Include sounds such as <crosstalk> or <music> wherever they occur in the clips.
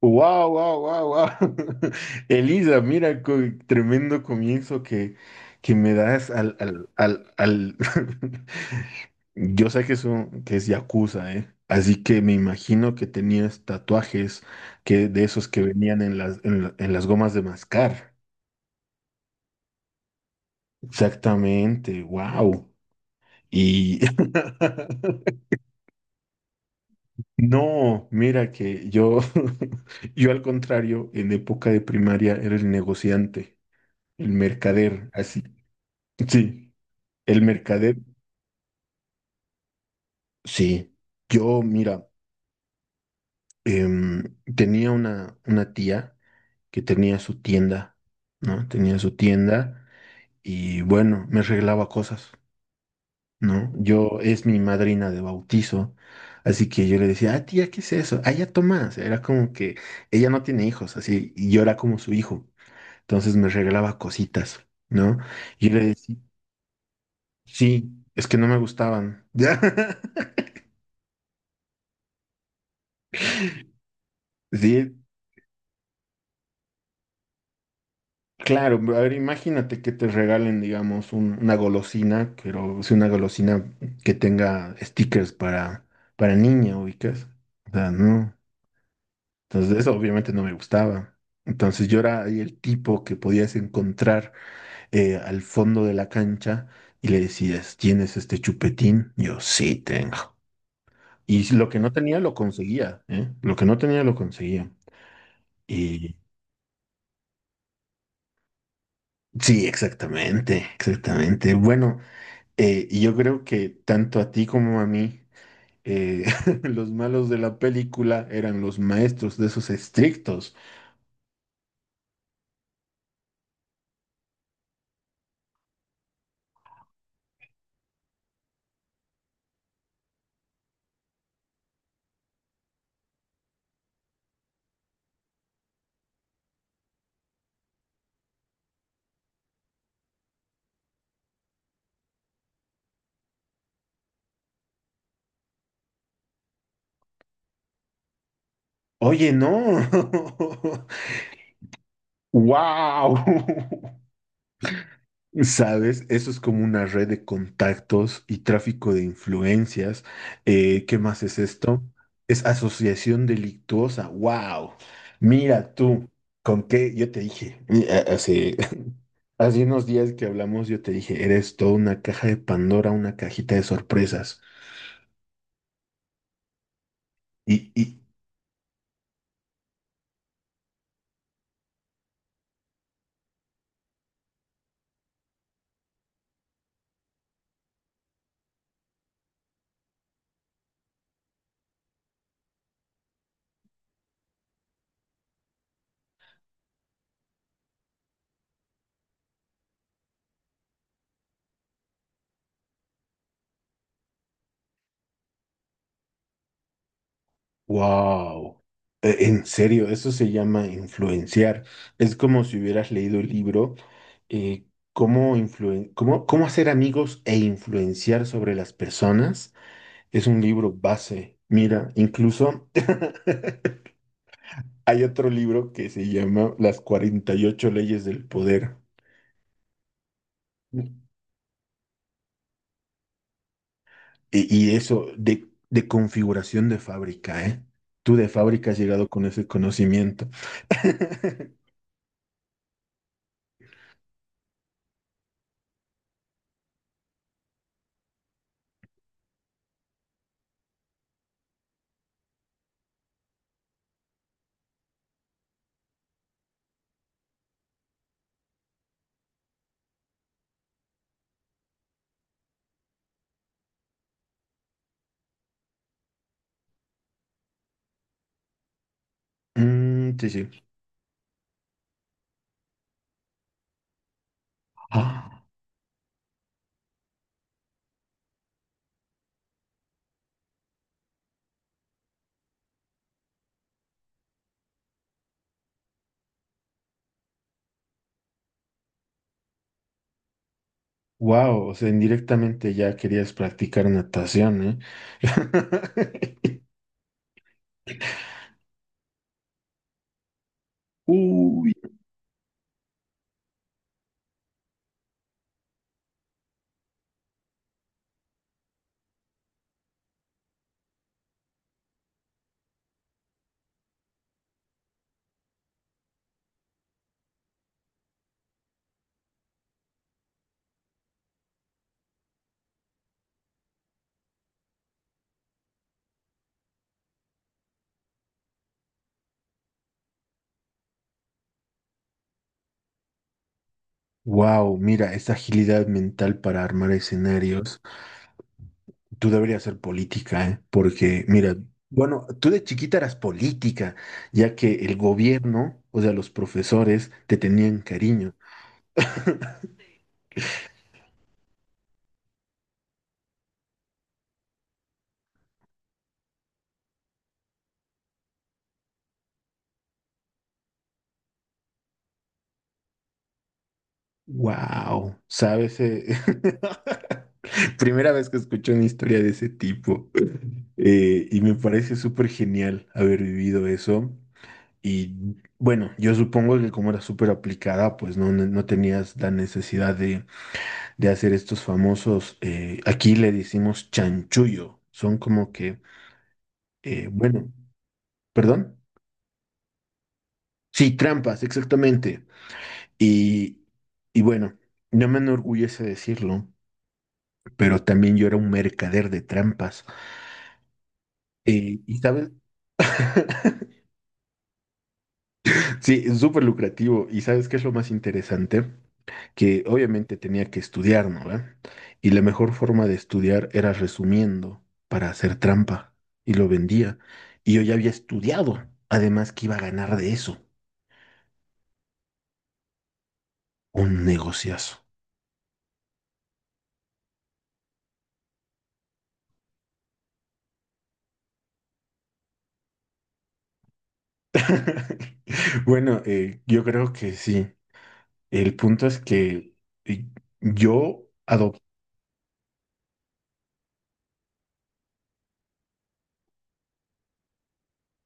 Wow, wow, wow, wow. <laughs> Elisa, mira, tremendo comienzo que me das al... <laughs> Yo sé que es que es yakuza, ¿eh? Así que me imagino que tenías tatuajes que de esos que venían en en las gomas de mascar. Exactamente, wow. Y <laughs> no, mira que yo, <laughs> yo al contrario, en época de primaria era el negociante. El mercader, así. Sí, el mercader, sí. Yo, mira, em, tenía una tía que tenía su tienda, ¿no? Tenía su tienda y bueno, me arreglaba cosas, ¿no? Yo es mi madrina de bautizo, así que yo le decía, ah, tía, ¿qué es eso? Ah, ya Tomás. Era como que ella no tiene hijos, así, y yo era como su hijo. Entonces me regalaba cositas, ¿no? Y yo le decía, sí, es que no me gustaban. <laughs> Sí, claro, a ver, imagínate que te regalen, digamos, una golosina, pero es una golosina que tenga stickers para niña, ubicas. O sea, no. Entonces, eso obviamente no me gustaba. Entonces, yo era ahí el tipo que podías encontrar al fondo de la cancha y le decías, ¿tienes este chupetín? Yo sí tengo. Y si lo que no tenía lo conseguía, ¿eh? Lo que no tenía lo conseguía. Y. Sí, exactamente, exactamente. Bueno, y yo creo que tanto a ti como a mí, eh, <laughs> los malos de la película eran los maestros de esos estrictos. Oye, no. <laughs> ¡Wow! <laughs> ¿Sabes? Eso es como una red de contactos y tráfico de influencias. ¿Qué más es esto? Es asociación delictuosa. ¡Wow! Mira tú, con qué yo te dije hace unos días que hablamos, yo te dije, eres toda una caja de Pandora, una cajita de sorpresas. Y, y, wow, en serio, eso se llama influenciar. Es como si hubieras leído el libro, eh, cómo, cómo hacer amigos e influenciar sobre las personas. Es un libro base. Mira, incluso <laughs> hay otro libro que se llama Las 48 leyes del poder. Y eso de configuración de fábrica, ¿eh? Tú de fábrica has llegado con ese conocimiento. <laughs> Mm, sí, sí. <gasps> Wow, o sea, indirectamente ya querías practicar natación, ¿eh? <laughs> Uy. Wow, mira, esa agilidad mental para armar escenarios. Tú deberías ser política, ¿eh? Porque, mira, bueno, tú de chiquita eras política, ya que el gobierno, o sea, los profesores, te tenían cariño. <laughs> Wow, ¿sabes? <laughs> Primera vez que escucho una historia de ese tipo. Y me parece súper genial haber vivido eso. Y bueno, yo supongo que como era súper aplicada, pues no no tenías la necesidad de hacer estos famosos, aquí le decimos chanchullo. Son como que, bueno, perdón. Sí, trampas, exactamente. Y, bueno, no me enorgullece decirlo. Pero también yo era un mercader de trampas. Y sabes, <laughs> sí, es súper lucrativo. ¿Y sabes qué es lo más interesante? Que obviamente tenía que estudiar, ¿no? ¿Ve? Y la mejor forma de estudiar era resumiendo para hacer trampa. Y lo vendía. Y yo ya había estudiado. Además que iba a ganar de eso. Un negociazo. <laughs> Bueno, yo creo que sí. El punto es que eh, yo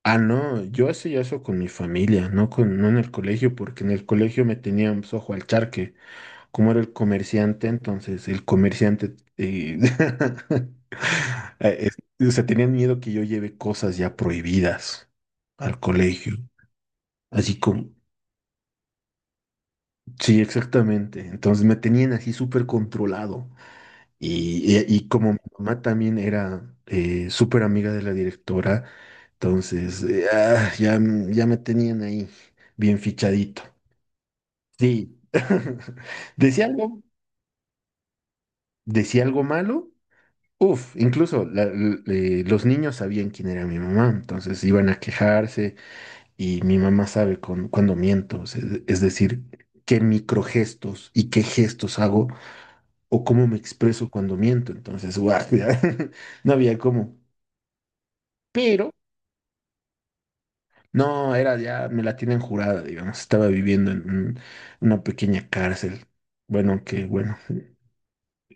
Ah, no, yo hacía eso con mi familia, no en el colegio, porque en el colegio me tenían pues, ojo al charque. Como era el comerciante, entonces el comerciante <laughs> eh, o sea, tenían miedo que yo lleve cosas ya prohibidas al colegio. Así como, sí, exactamente. Entonces me tenían así súper controlado. Como mi mamá también era súper amiga de la directora, entonces ya me tenían ahí bien fichadito. Sí, <laughs> decía algo, decía algo malo. Uf, incluso los niños sabían quién era mi mamá, entonces iban a quejarse y mi mamá sabe cuando miento, o sea, es decir, qué microgestos y qué gestos hago o cómo me expreso cuando miento, entonces, guau, <laughs> ya, no había cómo. Pero no, era ya, me la tienen jurada, digamos, estaba viviendo en una pequeña cárcel. Bueno, que bueno,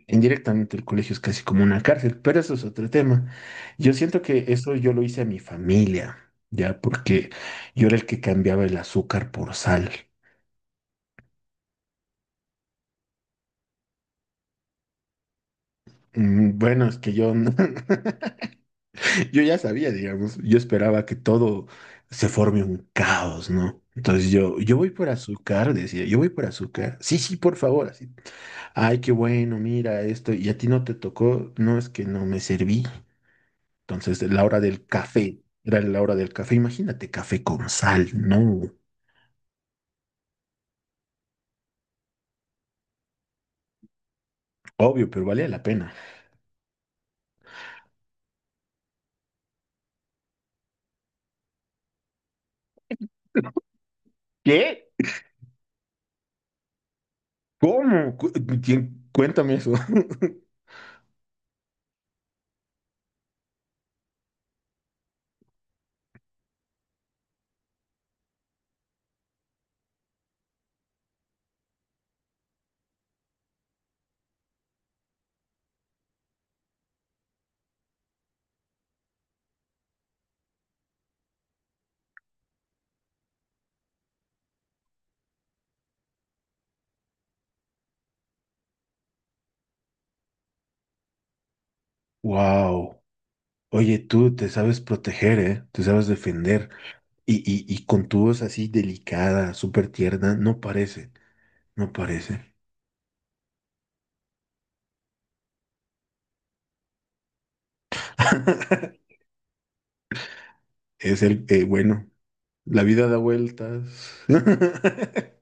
indirectamente el colegio es casi como una cárcel, pero eso es otro tema. Yo siento que eso yo lo hice a mi familia, ya, porque yo era el que cambiaba el azúcar por sal. Mm, bueno, es que yo, no- <laughs> yo ya sabía, digamos, yo esperaba que todo se forme un caos, ¿no? Entonces yo voy por azúcar, decía, yo voy por azúcar. Sí, sí, por favor, así ay, qué bueno, mira esto. Y a ti no te tocó, no es que no me serví. Entonces, la hora del café, era la hora del café. Imagínate, café con sal, no. Obvio, pero valía la pena. ¿Qué? ¿Cómo? Cu- ¿Quién? Cuéntame eso. <laughs> Wow. Oye, tú te sabes proteger, ¿eh? Te sabes defender. Y con tu voz así delicada, súper tierna, no parece, no parece. <laughs> Es el, bueno, la vida da vueltas. <laughs>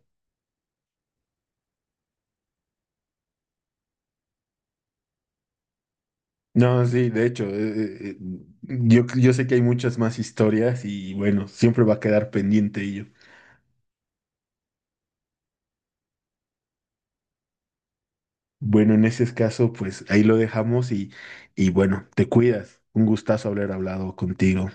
No, sí, de hecho, yo sé que hay muchas más historias y bueno, siempre va a quedar pendiente ello. Bueno, en ese caso, pues ahí lo dejamos y bueno, te cuidas. Un gustazo haber hablado contigo.